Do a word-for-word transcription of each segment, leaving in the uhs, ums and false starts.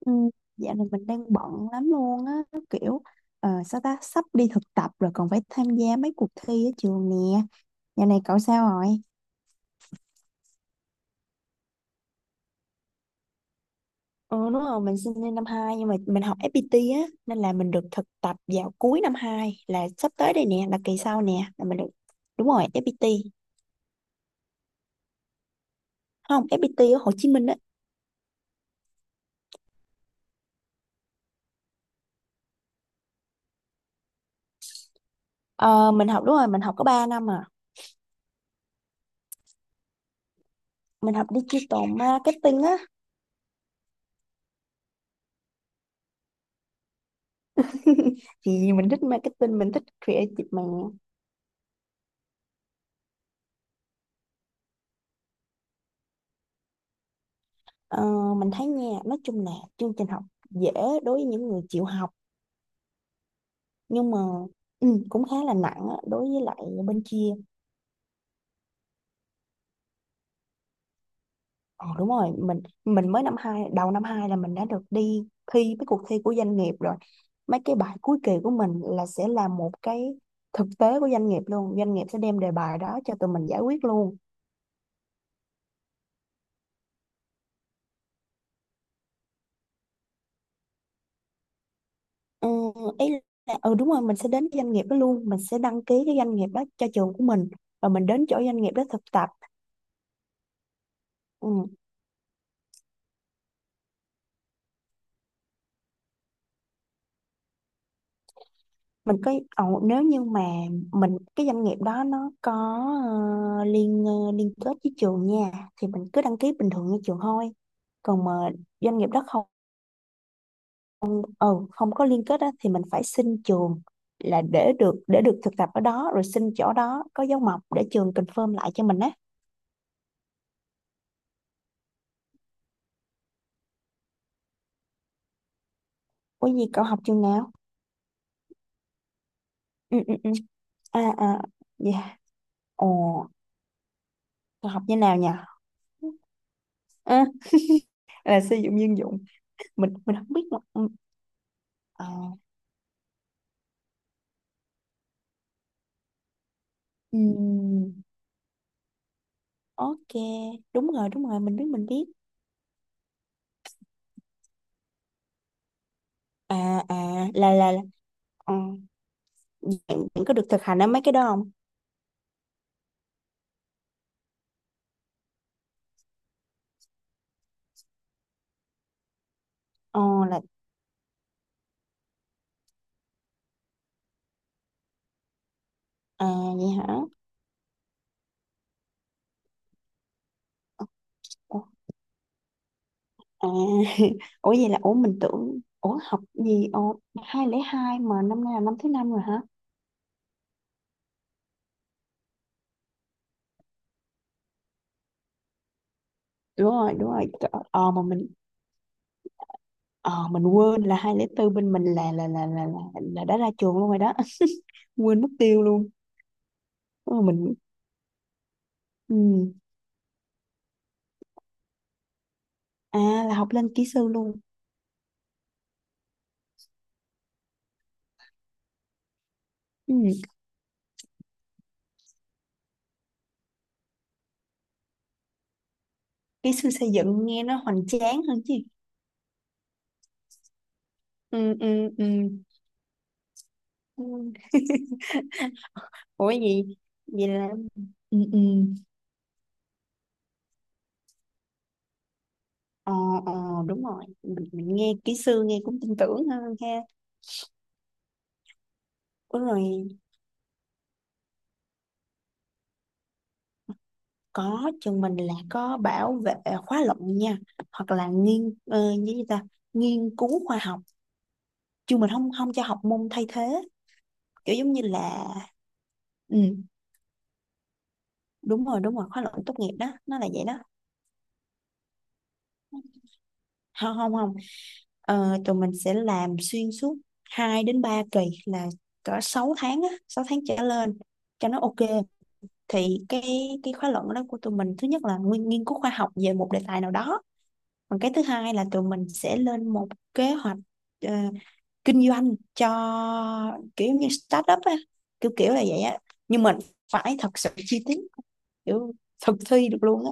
Ừ, dạo này mình đang bận lắm luôn á, kiểu ờ, sao ta sắp đi thực tập rồi còn phải tham gia mấy cuộc thi ở trường nè. Dạo này cậu sao rồi? Ừ, đúng rồi, mình sinh viên năm hai nhưng mà mình học ép pê tê á nên là mình được thực tập vào cuối năm hai là sắp tới đây nè, là kỳ sau nè là mình được. Đúng rồi, ép pi ti. Không, ép pê tê ở Hồ Chí Minh á. Ờ, mình học, đúng rồi, mình học có ba năm à. Mình học digital marketing á. Thì mình thích marketing, mình thích creative mà. Ờ, mình thấy nha, nói chung là chương trình học dễ đối với những người chịu học, nhưng mà ừ, cũng khá là nặng á, đối với lại bên kia. Ờ đúng rồi, mình mình mới năm hai, đầu năm hai là mình đã được đi thi cái cuộc thi của doanh nghiệp rồi. Mấy cái bài cuối kỳ của mình là sẽ là một cái thực tế của doanh nghiệp luôn, doanh nghiệp sẽ đem đề bài đó cho tụi mình giải quyết luôn. Ừ, ý là ừ đúng rồi, mình sẽ đến cái doanh nghiệp đó luôn, mình sẽ đăng ký cái doanh nghiệp đó cho trường của mình và mình đến chỗ doanh nghiệp đó thực tập. Ừ. Mình có, ồ, nếu như mà mình, cái doanh nghiệp đó nó có ờ, liên ờ, liên kết với trường nha, thì mình cứ đăng ký bình thường như trường thôi. Còn mà doanh nghiệp đó không, ừ, không có liên kết á, thì mình phải xin trường là để được để được thực tập ở đó, rồi xin chỗ đó có dấu mộc để trường confirm lại cho mình á. Ủa gì? Cậu học trường nào? Ừ, ừ, ừ. À. À. Dạ. Ồ. Cậu học như nào nhỉ? À, là sử dụng dân dụng. Mình mình không biết mà. Ừ. À. Ừ. Ok, đúng rồi, đúng rồi, mình biết, mình biết. À, à, là, là, là ờ, bạn, bạn có được thực hành ở mấy cái đó không? Ờ, là, à, vậy hả? Ủa, à, ủa vậy là, ủa mình tưởng, ủa học gì, ồ, hai trăm lẻ hai mà năm nay là năm thứ năm rồi hả? Đúng rồi, đúng rồi, trời ơi, ờ, mà mình, ờ, mình quên là hai trăm lẻ bốn bên mình là, là, là, là, là, là đã ra trường luôn rồi đó. Quên mất tiêu luôn. Ờ, mình, ừ. À, là học lên kỹ sư luôn. Ừ. Kỹ sư xây dựng nghe nó hoành tráng hơn chứ. Ừ, ừ, ừ. Ừ. Ủa gì? Vậy là ừ, ừ, ờ, ờ, đúng rồi, mình, mình nghe kỹ sư nghe cũng tin tưởng hơn ha. Ủa rồi, có, trường mình là có bảo vệ khóa luận nha, hoặc là nghiên ờ, như gì ta nghiên cứu khoa học. Trường mình không không cho học môn thay thế, kiểu giống như là ừ đúng rồi, đúng rồi, khóa luận tốt nghiệp đó nó là vậy đó. Không, không, không. Ờ, tụi mình sẽ làm xuyên suốt hai đến ba kỳ, là cỡ sáu tháng á, sáu tháng trở lên cho nó ok. Thì cái cái khóa luận đó của tụi mình thứ nhất là nguyên nghiên cứu khoa học về một đề tài nào đó. Còn cái thứ hai là tụi mình sẽ lên một kế hoạch ờ, kinh doanh cho kiểu như startup á, kiểu kiểu là vậy á. Nhưng mình phải thật sự chi tiết, kiểu thực thi được luôn á.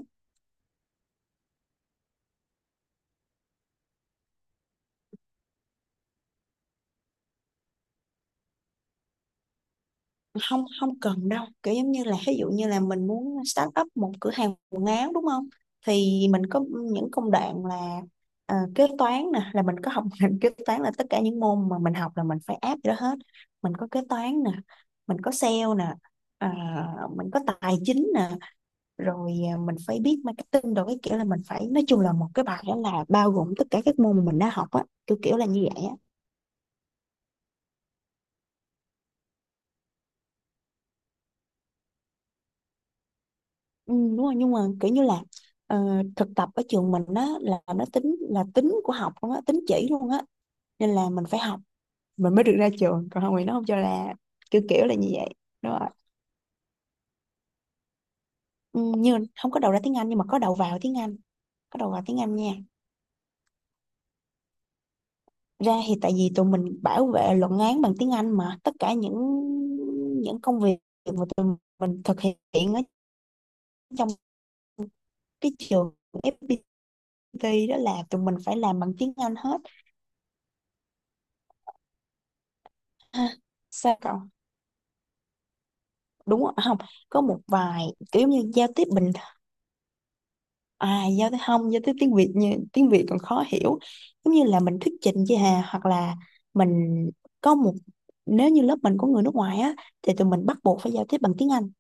Không, không cần đâu, kiểu giống như là ví dụ như là mình muốn start up một cửa hàng quần áo đúng không, thì mình có những công đoạn là ờ, kế toán nè, là mình có học ngành kế toán là tất cả những môn mà mình học là mình phải áp vô đó hết. Mình có kế toán nè, mình có sale nè, à, mình có tài chính nè, rồi à, mình phải biết marketing rồi, cái kiểu là mình phải, nói chung là một cái bài đó là bao gồm tất cả các môn mà mình đã học á, kiểu kiểu là như vậy á. Ừ, đúng rồi, nhưng mà kiểu như là ờ, thực tập ở trường mình á là nó tính là tính của học luôn á, tính chỉ luôn á, nên là mình phải học mình mới được ra trường, còn không thì nó không cho, là kiểu kiểu là như vậy. Đúng rồi, ừ, như không có đầu ra tiếng Anh nhưng mà có đầu vào tiếng Anh. Có đầu vào tiếng Anh nha, ra thì tại vì tụi mình bảo vệ luận án bằng tiếng Anh, mà tất cả những những công việc mà tụi mình thực hiện ở trong cái trường ép pê tê đó là tụi mình phải làm bằng tiếng Anh hết. Ha? Sao cậu? Đúng rồi. Không, có một vài kiểu như giao tiếp bình, à giao tiếp, không giao tiếp tiếng Việt, như tiếng Việt còn khó hiểu, giống như là mình thuyết trình với Hà, hoặc là mình có một, nếu như lớp mình có người nước ngoài á thì tụi mình bắt buộc phải giao tiếp bằng tiếng Anh.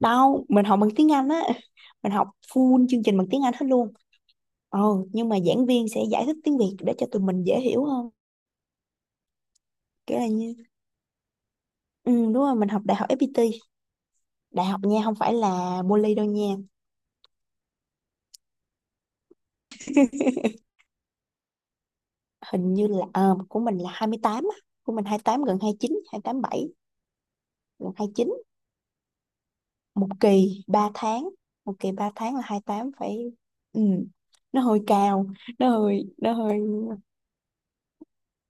Đâu, mình học bằng tiếng Anh á. Mình học full chương trình bằng tiếng Anh hết luôn. Ừ. Nhưng mà giảng viên sẽ giải thích tiếng Việt để cho tụi mình dễ hiểu hơn, kiểu là như ừ đúng rồi, mình học đại học ép pi ti. Đại học nha, không phải là poly đâu nha. Hình như là ờ, của mình là hai mươi tám á. Của mình hai mươi tám gần hai mươi chín, tám bảy, gần hai mươi chín. Một kỳ ba tháng. Một kỳ ba tháng là hai mươi tám. Phải. Ừ. Nó hơi cao, nó hơi nó hơi.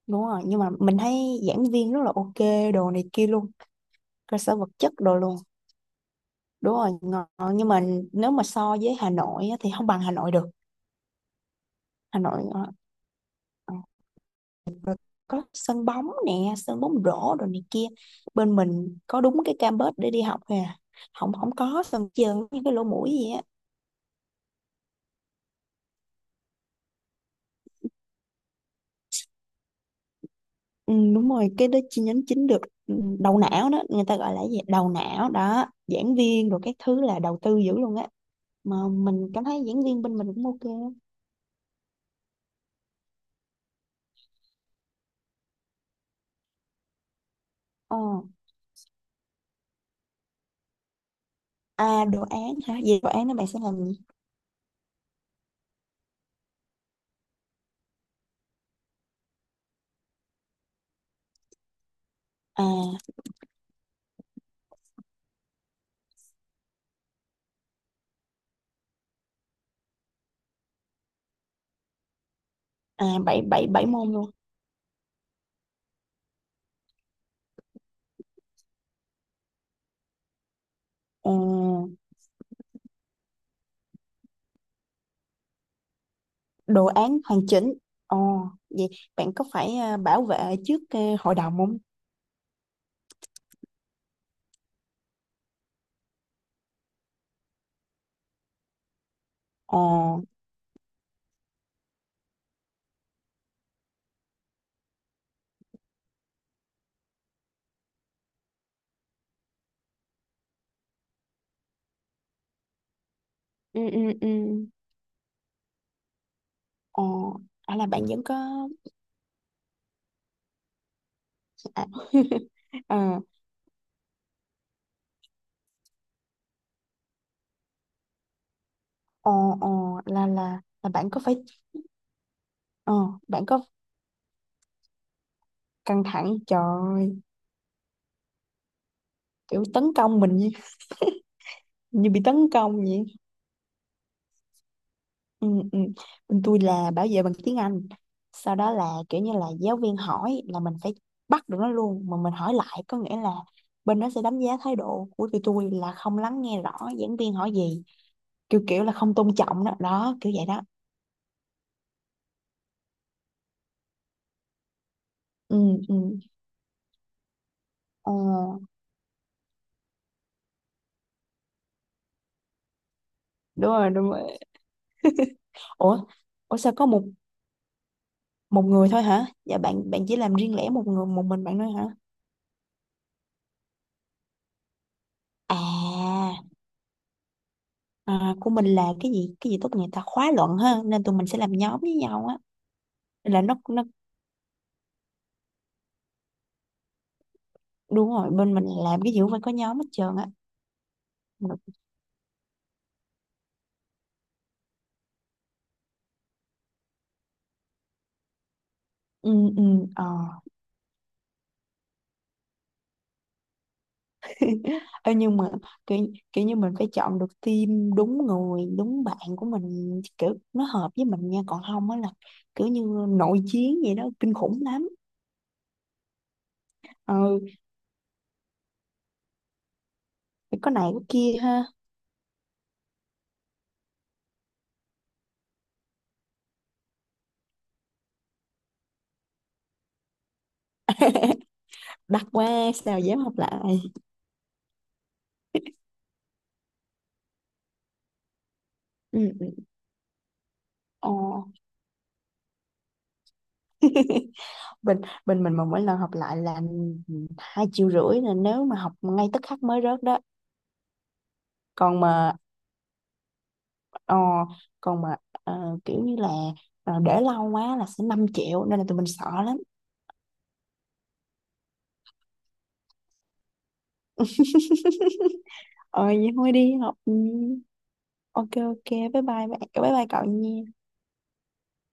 Đúng rồi, nhưng mà mình thấy giảng viên rất là ok, đồ này kia luôn. Cơ sở vật chất đồ luôn. Đúng rồi, ngon, nhưng mà nếu mà so với Hà Nội á, thì không bằng Hà Nội được. Hà Nội, ờ, có sân bóng nè, sân bóng rổ rồi này kia. Bên mình có đúng cái campus để đi học nè. Không, không có sân trường như cái lỗ mũi gì á. Ừ, đúng rồi, cái đó chi nhánh chính được. Ừ, đầu não đó, người ta gọi là cái gì, đầu não đó giảng viên rồi các thứ là đầu tư dữ luôn á. Mà mình cảm thấy giảng viên bên mình cũng ok á. Ờ. À, đồ án hả? Về đồ án đó bạn sẽ làm gì? À, à bảy, bảy, bảy môn luôn? Ờ. Đồ án hoàn chỉnh. Ồ, vậy bạn có phải ờ, bảo vệ trước ờ, hội đồng không? Ồ. Ừ, ừ, ừ. Ồ. À, là bạn vẫn có. À. Ờ. Ồ, ồ, là là là bạn có phải, ờ bạn có, căng thẳng trời ơi, kiểu tấn công mình như, như bị tấn công vậy. Ừ, ừ. Bên tôi là bảo vệ bằng tiếng Anh, sau đó là kiểu như là giáo viên hỏi là mình phải bắt được nó luôn, mà mình hỏi lại, có nghĩa là bên đó sẽ đánh giá thái độ của tụi tôi là không lắng nghe rõ giảng viên hỏi gì, kiểu kiểu là không tôn trọng đó đó, kiểu vậy đó. Ừ, ừ. Ờ, đúng rồi, đúng rồi. Ủa, ủa sao có một một người thôi hả? Dạ bạn bạn chỉ làm riêng lẻ một người, một mình bạn thôi hả? À, à của mình là cái gì, cái gì tốt nghiệp ta, khóa luận ha, nên tụi mình sẽ làm nhóm với nhau á. Là nó nó, đúng rồi, bên mình làm cái gì cũng phải có nhóm hết trơn á. Ừ, ừ, ờ. Ê, nhưng mà kiểu, kiểu như mình phải chọn được team đúng người đúng bạn của mình, kiểu nó hợp với mình nha, còn không á là kiểu như nội chiến vậy đó, kinh khủng lắm. Ừ, phải có này có kia ha. Đặt qua sao dám hợp lại. Ừ, ừ. Ờ. bên Bên mình mà mỗi lần học lại là hai triệu rưỡi, là nếu mà học ngay tức khắc mới rớt đó. Còn mà Ờ, còn mà ờ, kiểu như là ờ, để lâu quá là sẽ năm triệu, nên là tụi mình sợ lắm. Ờ, vậy thôi đi học. Ừ, ok ok, bye bye bye bye cậu nha.